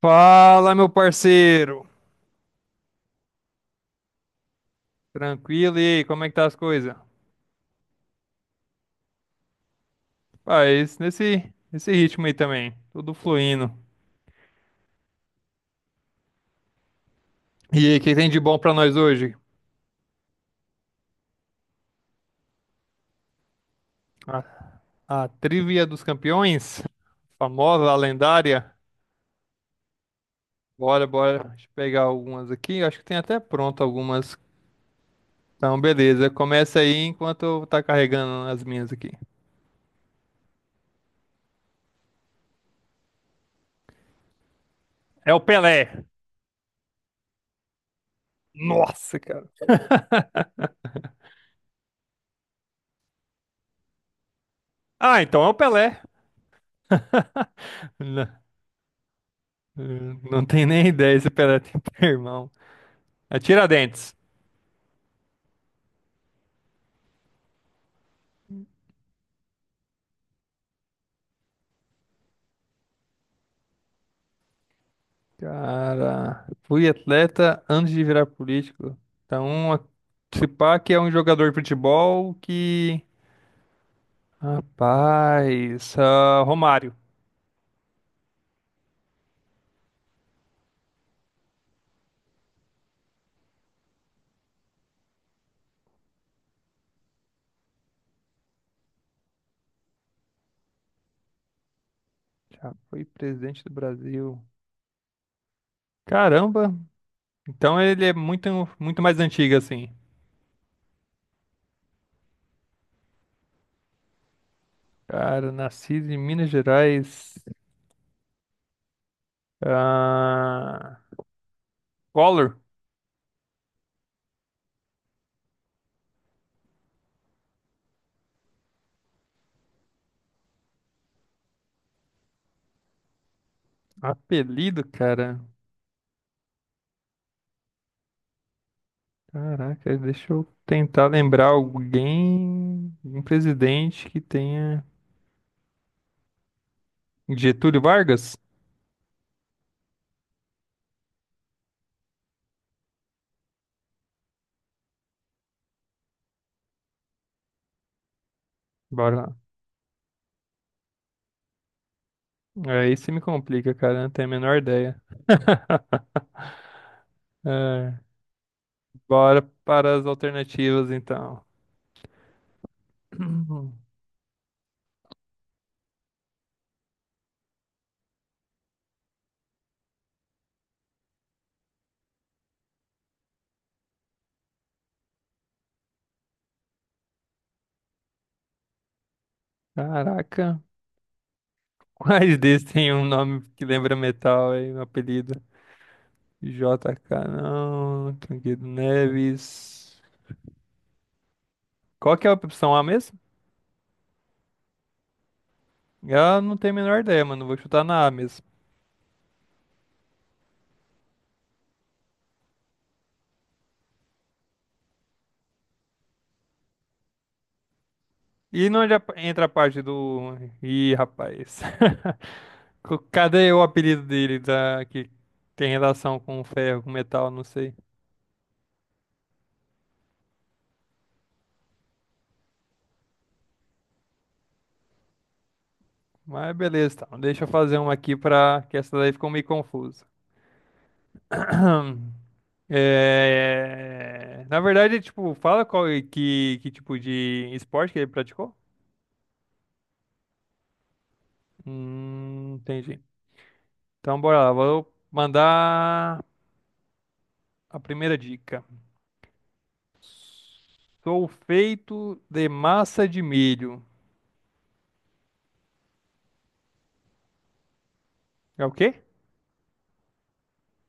Fala, meu parceiro. Tranquilo, e aí, como é que tá as coisas? Ah, faz nesse ritmo aí também, tudo fluindo. E aí, o que tem de bom pra nós hoje? A, a Trivia dos Campeões, famosa, a lendária. Bora, bora, deixa eu pegar algumas aqui, acho que tem até pronto algumas. Então, beleza, começa aí enquanto eu tá carregando as minhas aqui. É o Pelé. Nossa, cara. Ah, então é o Pelé. Não tem nem ideia se o Pelé tem irmão. É Tiradentes. Cara, fui atleta antes de virar político. Então, se pá que é um jogador de futebol que. Rapaz, ah, Romário. Já foi presidente do Brasil. Caramba! Então ele é muito mais antigo, assim. Cara, nascido em Minas Gerais. Ah, Collor. Apelido, cara. Caraca, deixa eu tentar lembrar alguém, um presidente que tenha. Getúlio Vargas? Bora lá. Aí você me complica, cara. Eu Não tenho a menor ideia. É, bora para as alternativas, então. Caraca. Quais desses tem um nome que lembra metal aí, um apelido? JK, não. Tranquilo Neves. Qual que é a opção A mesmo? Eu não tenho a menor ideia, mano. Vou chutar na A mesmo. E não entra a parte do... Ih, rapaz. Cadê o apelido dele que tem relação com ferro, com metal, não sei. Mas beleza, então. Deixa eu fazer uma aqui pra que essa daí ficou meio confusa. É, na verdade, tipo, fala que tipo de esporte que ele praticou? Entendi. Então bora lá, vou mandar a primeira dica. Sou feito de massa de milho. É o quê?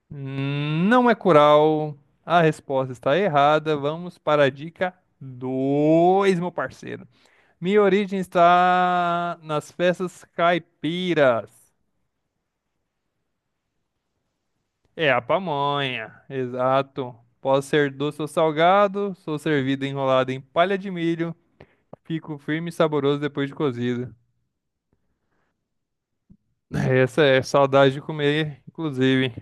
Não é coral. A resposta está errada. Vamos para a dica 2, meu parceiro. Minha origem está nas festas caipiras. É a pamonha, exato. Posso ser doce ou salgado, sou servido enrolado em palha de milho, fico firme e saboroso depois de cozido. Essa é saudade de comer, inclusive.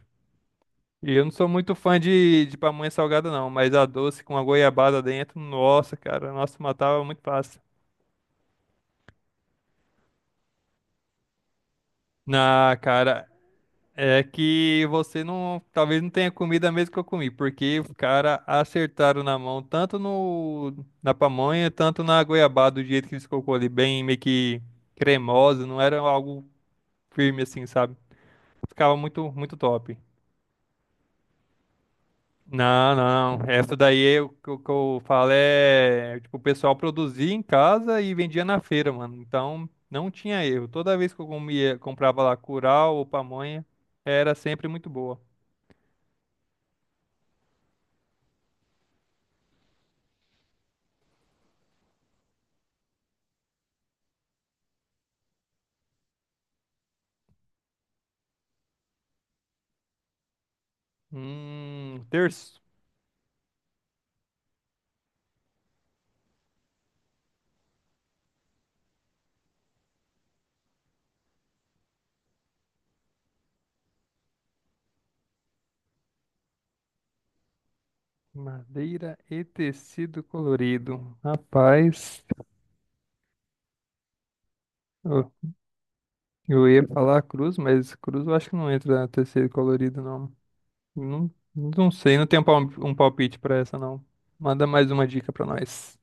E eu não sou muito fã de pamonha salgada, não, mas a doce com a goiabada dentro, nossa, cara, nossa, matava muito fácil. Na, cara, é que você não, talvez não tenha comido a mesma que eu comi, porque os cara acertaram na mão, tanto no, na pamonha, tanto na goiabada, do jeito que eles colocou ali, bem meio que cremosa, não era algo firme assim, sabe? Ficava muito top. Não, não, não. Essa daí é o que eu falo é, tipo, o pessoal produzia em casa e vendia na feira, mano. Então, não tinha erro. Toda vez que eu comia, comprava lá curau ou pamonha, era sempre muito boa. Terço. Madeira e tecido colorido. Rapaz, eu, eu ia falar cruz, mas cruz eu acho que não entra na tecido colorido, não. Não, não sei, não tenho um palpite pra essa, não. Manda mais uma dica pra nós.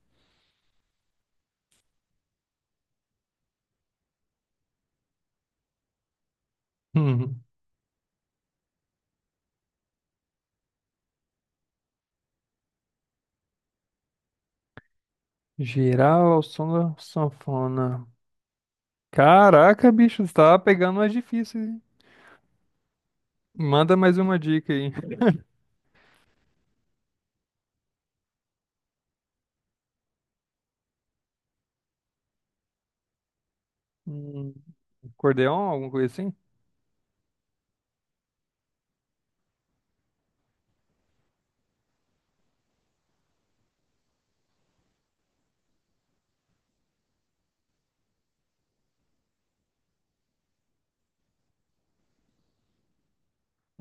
Girar ao som da sanfona. Caraca, bicho, você tá pegando mais difícil, hein? Manda mais uma dica aí. Hum, acordeon, alguma coisa assim?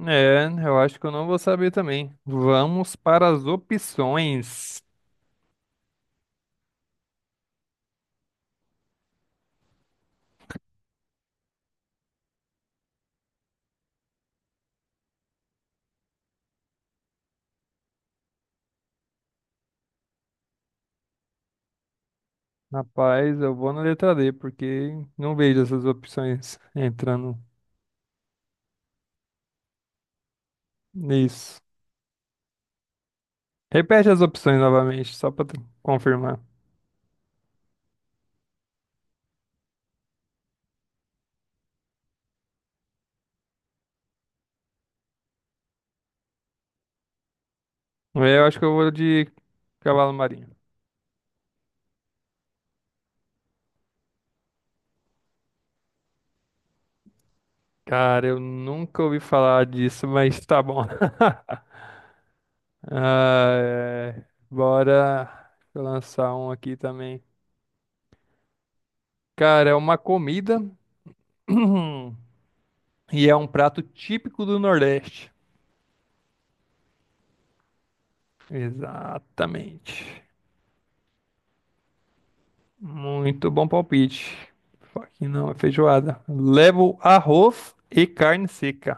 É, eu acho que eu não vou saber também. Vamos para as opções. Rapaz, eu vou na letra D, porque não vejo essas opções entrando nisso. Repete as opções novamente, só para confirmar. É, eu acho que eu vou de cavalo marinho. Cara, eu nunca ouvi falar disso, mas tá bom. Ah, é. Bora, deixa eu lançar um aqui também. Cara, é uma comida e é um prato típico do Nordeste. Exatamente. Muito bom palpite. Só que não é feijoada. Levo arroz e carne seca.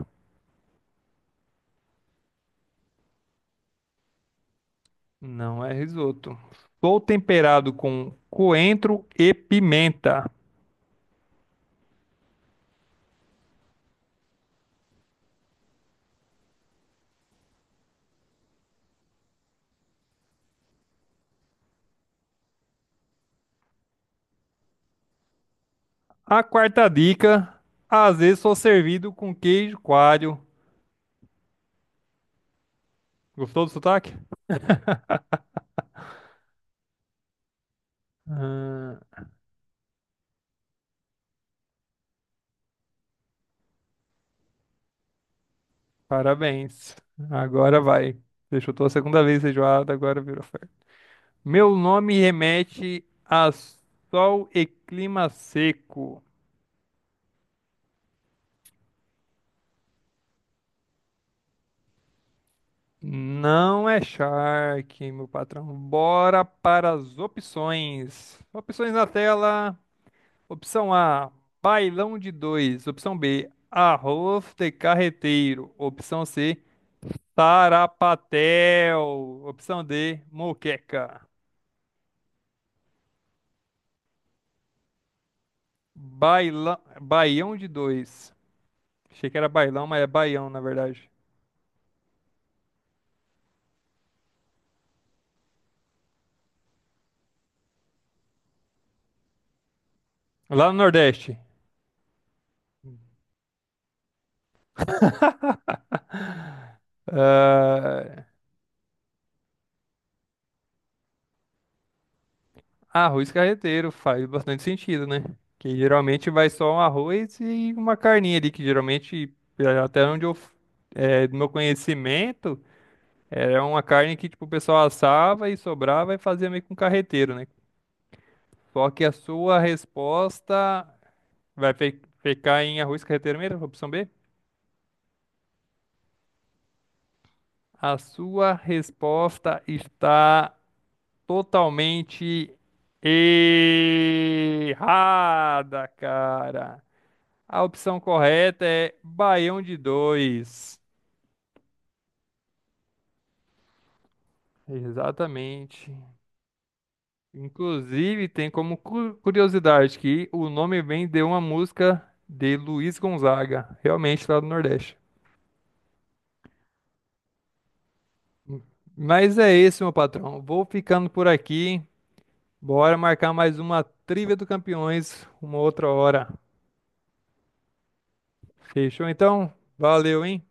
Não é risoto. Sou temperado com coentro e pimenta. A quarta dica, às vezes sou servido com queijo coalho. Gostou do sotaque? Ah, parabéns. Agora vai. Você chutou a segunda vez feijoada, agora virou ferro. Meu nome remete a sol e clima seco. Não é shark, meu patrão. Bora para as opções. Opções na tela. Opção A, bailão de dois. Opção B, arroz de carreteiro. Opção C, tarapatel. Opção D, moqueca. Bailão, baião de dois. Achei que era bailão, mas é baião, na verdade. Lá no Nordeste. Ah, arroz carreteiro faz bastante sentido, né? Que geralmente vai só um arroz e uma carninha ali, que geralmente, até onde é, do meu conhecimento, era uma carne que tipo, o pessoal assava e sobrava e fazia meio com carreteiro, né? Só que a sua resposta vai ficar em arroz carreteiro mesmo, opção B? A sua resposta está totalmente errada, cara. A opção correta é baião de dois. Exatamente. Inclusive, tem como curiosidade que o nome vem de uma música de Luiz Gonzaga, realmente lá do Nordeste. Mas é isso, meu patrão. Vou ficando por aqui. Bora marcar mais uma Trivia do Campeões uma outra hora. Fechou então? Valeu, hein?